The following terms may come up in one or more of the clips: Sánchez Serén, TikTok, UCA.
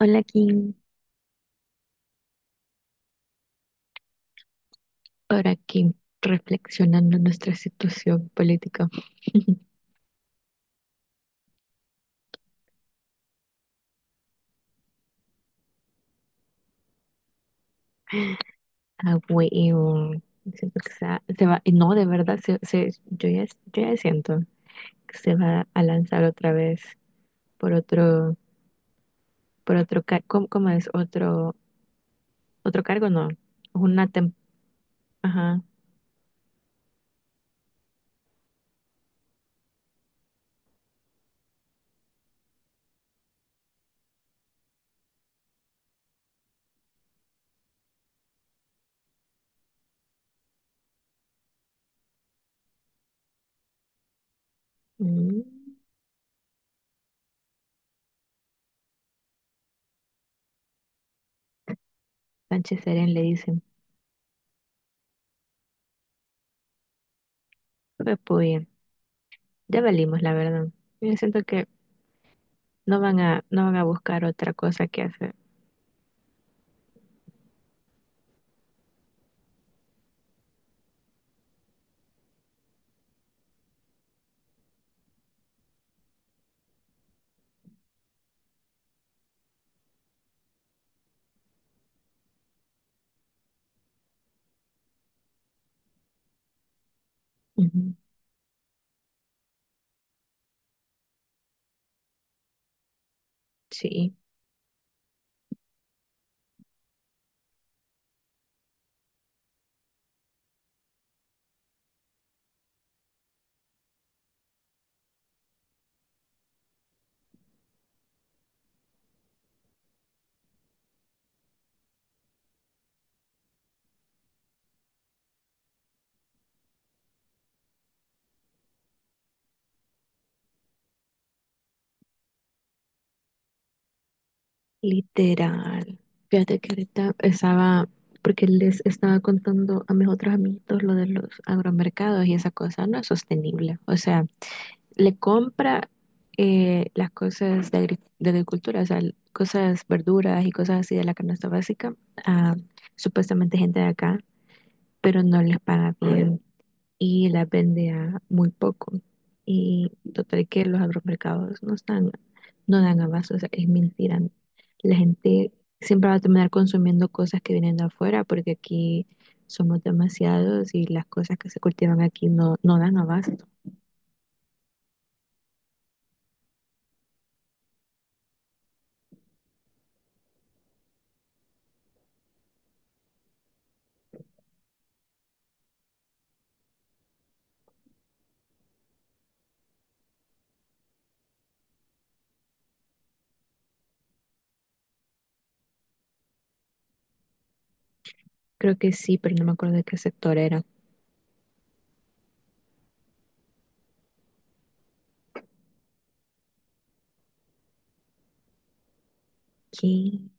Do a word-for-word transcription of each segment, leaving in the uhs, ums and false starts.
Hola, Kim, por aquí reflexionando nuestra situación política. Ah, huevo. Siento que se va, se va- no, de verdad, se, se- yo ya, yo ya siento que se va a lanzar otra vez por otro, por otro, car- ¿cómo, ¿cómo es? Otro, otro cargo, no, una tem- ajá. Mm. Sánchez Serén le dicen, pues pues, ya valimos, la verdad. Yo siento que no van a, no van a buscar otra cosa que hacer. Ujú. Sí. Literal. Fíjate que ahorita estaba, porque les estaba contando a mis otros amiguitos lo de los agromercados y esa cosa no es sostenible. O sea, le compra eh, las cosas de, agri- de agricultura, o sea, cosas, verduras y cosas así de la canasta básica a supuestamente gente de acá, pero no les paga bien y las vende a muy poco. Y total que los agromercados no están, no dan abasto, o sea, es mentira. La gente siempre va a terminar consumiendo cosas que vienen de afuera porque aquí somos demasiados y las cosas que se cultivan aquí no, no dan abasto. Creo que sí, pero no me acuerdo de qué sector era. Aquí.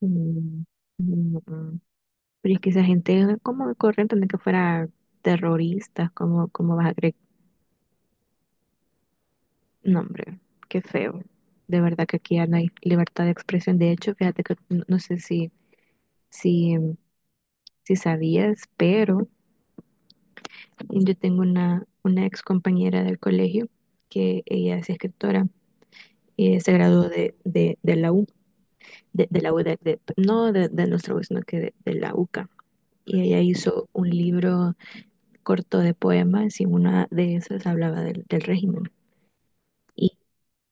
Mm, no. Ah. Pero es que esa gente, ¿cómo corren de que fuera terroristas? ¿Cómo, cómo vas a creer? No, hombre, qué feo. De verdad que aquí ya no hay libertad de expresión. De hecho, fíjate que no, no sé si, si, si sabías, pero yo tengo una, una ex compañera del colegio que ella es escritora y eh, se graduó de, de, de la U, de, de la U de, de- no de, de nuestra U, sino que de, de la U C A. Y ella hizo un libro corto de poemas y una de esas hablaba del, del régimen. Y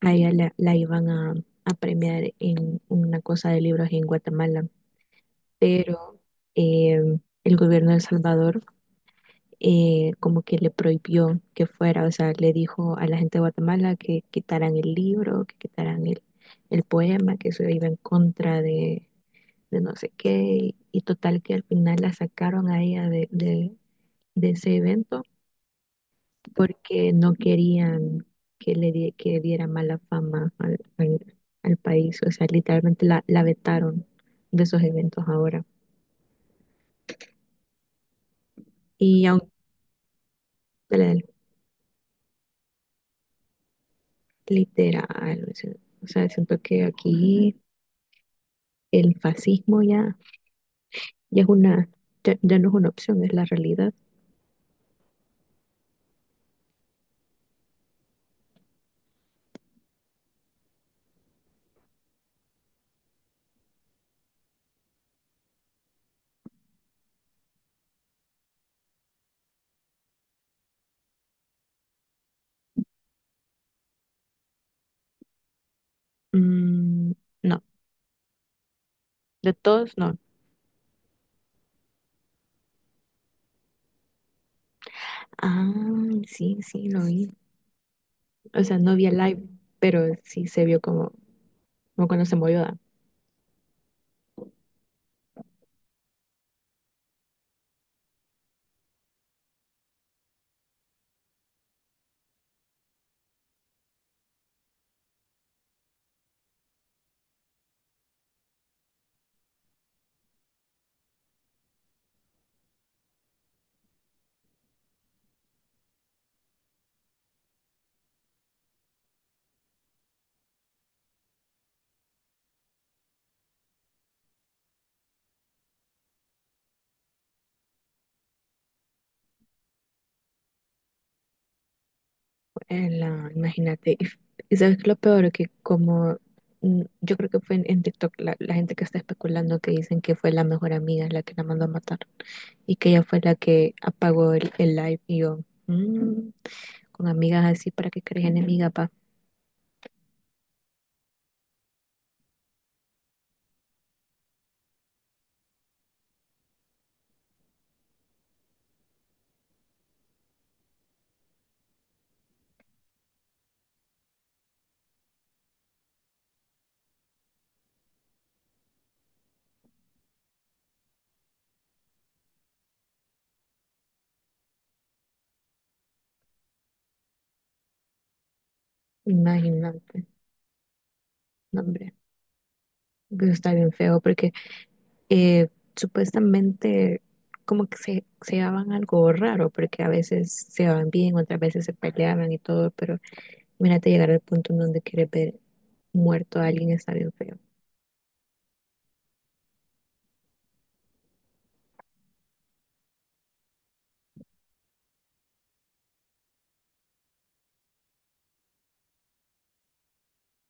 a ella la, la iban a, a premiar en una cosa de libros en Guatemala, pero eh, el gobierno de El Salvador, eh, como que le prohibió que fuera, o sea, le dijo a la gente de Guatemala que quitaran el libro, que quitaran el, el poema, que eso iba en contra de, de no sé qué, y total que al final la sacaron a ella de, de de ese evento porque no querían que le die- que diera mala fama al, al- al país. O sea, literalmente la, la vetaron de esos eventos ahora. Y aunque le- literal, o sea, o sea, siento que aquí el fascismo ya, ya es una, ya, ya no es una opción, es la realidad. Mm, no, de todos no. Ah, sí, sí, lo vi. O sea, no vi el live, pero sí se vio como, como cuando se movió. Eh, la- imagínate, y f- y sabes que lo peor que como, mm, yo creo que fue en, en TikTok la, la gente que está especulando que dicen que fue la mejor amiga la que la mandó a matar y que ella fue la que apagó el, el live y yo, mm, con amigas así para que crees enemiga, pa, imagínate, no, hombre, eso está bien feo porque eh, supuestamente como que se, se llevaban algo raro, porque a veces se llevaban bien, otras veces se peleaban y todo, pero mírate llegar al punto en donde quieres ver muerto a alguien. Está bien feo.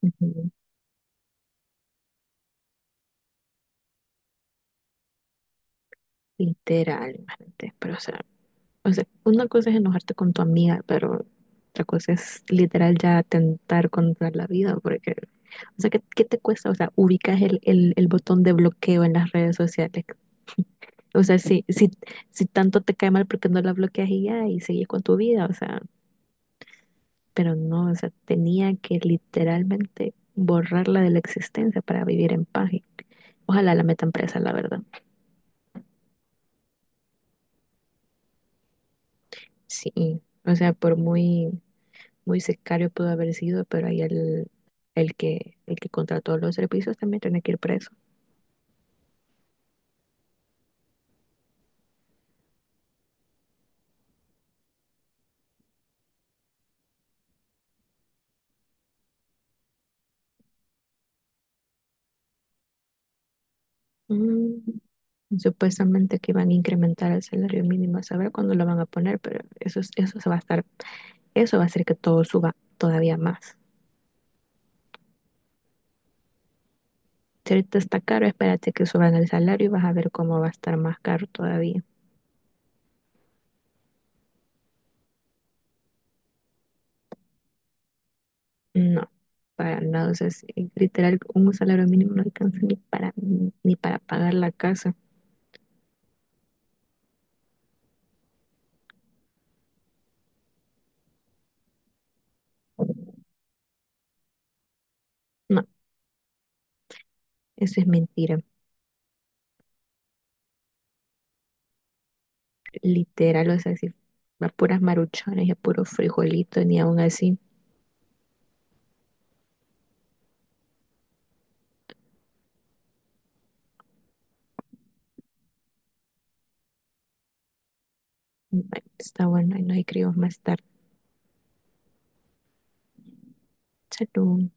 Ujú. Literal, imagínate, pero o sea, o sea, una cosa es enojarte con tu amiga, pero otra cosa es literal ya atentar contra la vida, porque, o sea, ¿qué, qué te cuesta? O sea, ubicas el, el, el botón de bloqueo en las redes sociales. O sea, si, si, si tanto te cae mal porque no la bloqueas y ya, y sigues con tu vida, o sea, pero no, o sea, tenía que literalmente borrarla de la existencia para vivir en paz. Y ojalá la metan presa, la verdad. Sí, o sea, por muy, muy secario pudo haber sido, pero ahí el, el que, el que contrató los servicios también tiene que ir preso. Mm. Supuestamente que van a incrementar el salario mínimo, a saber cuándo lo van a poner, pero eso, es- eso se va a estar, eso va a hacer que todo suba todavía más. Si ahorita está caro, espérate que suban el salario y vas a ver cómo va a estar más caro todavía. No, para nada. O sea, es- literal, un salario mínimo no alcanza ni para, ni para pagar la casa. No, eso es mentira. Literal, o sea, si a puras maruchones y a puros frijolitos, ni aún así. Bueno, está bueno, ahí nos escribimos más tarde. Salud.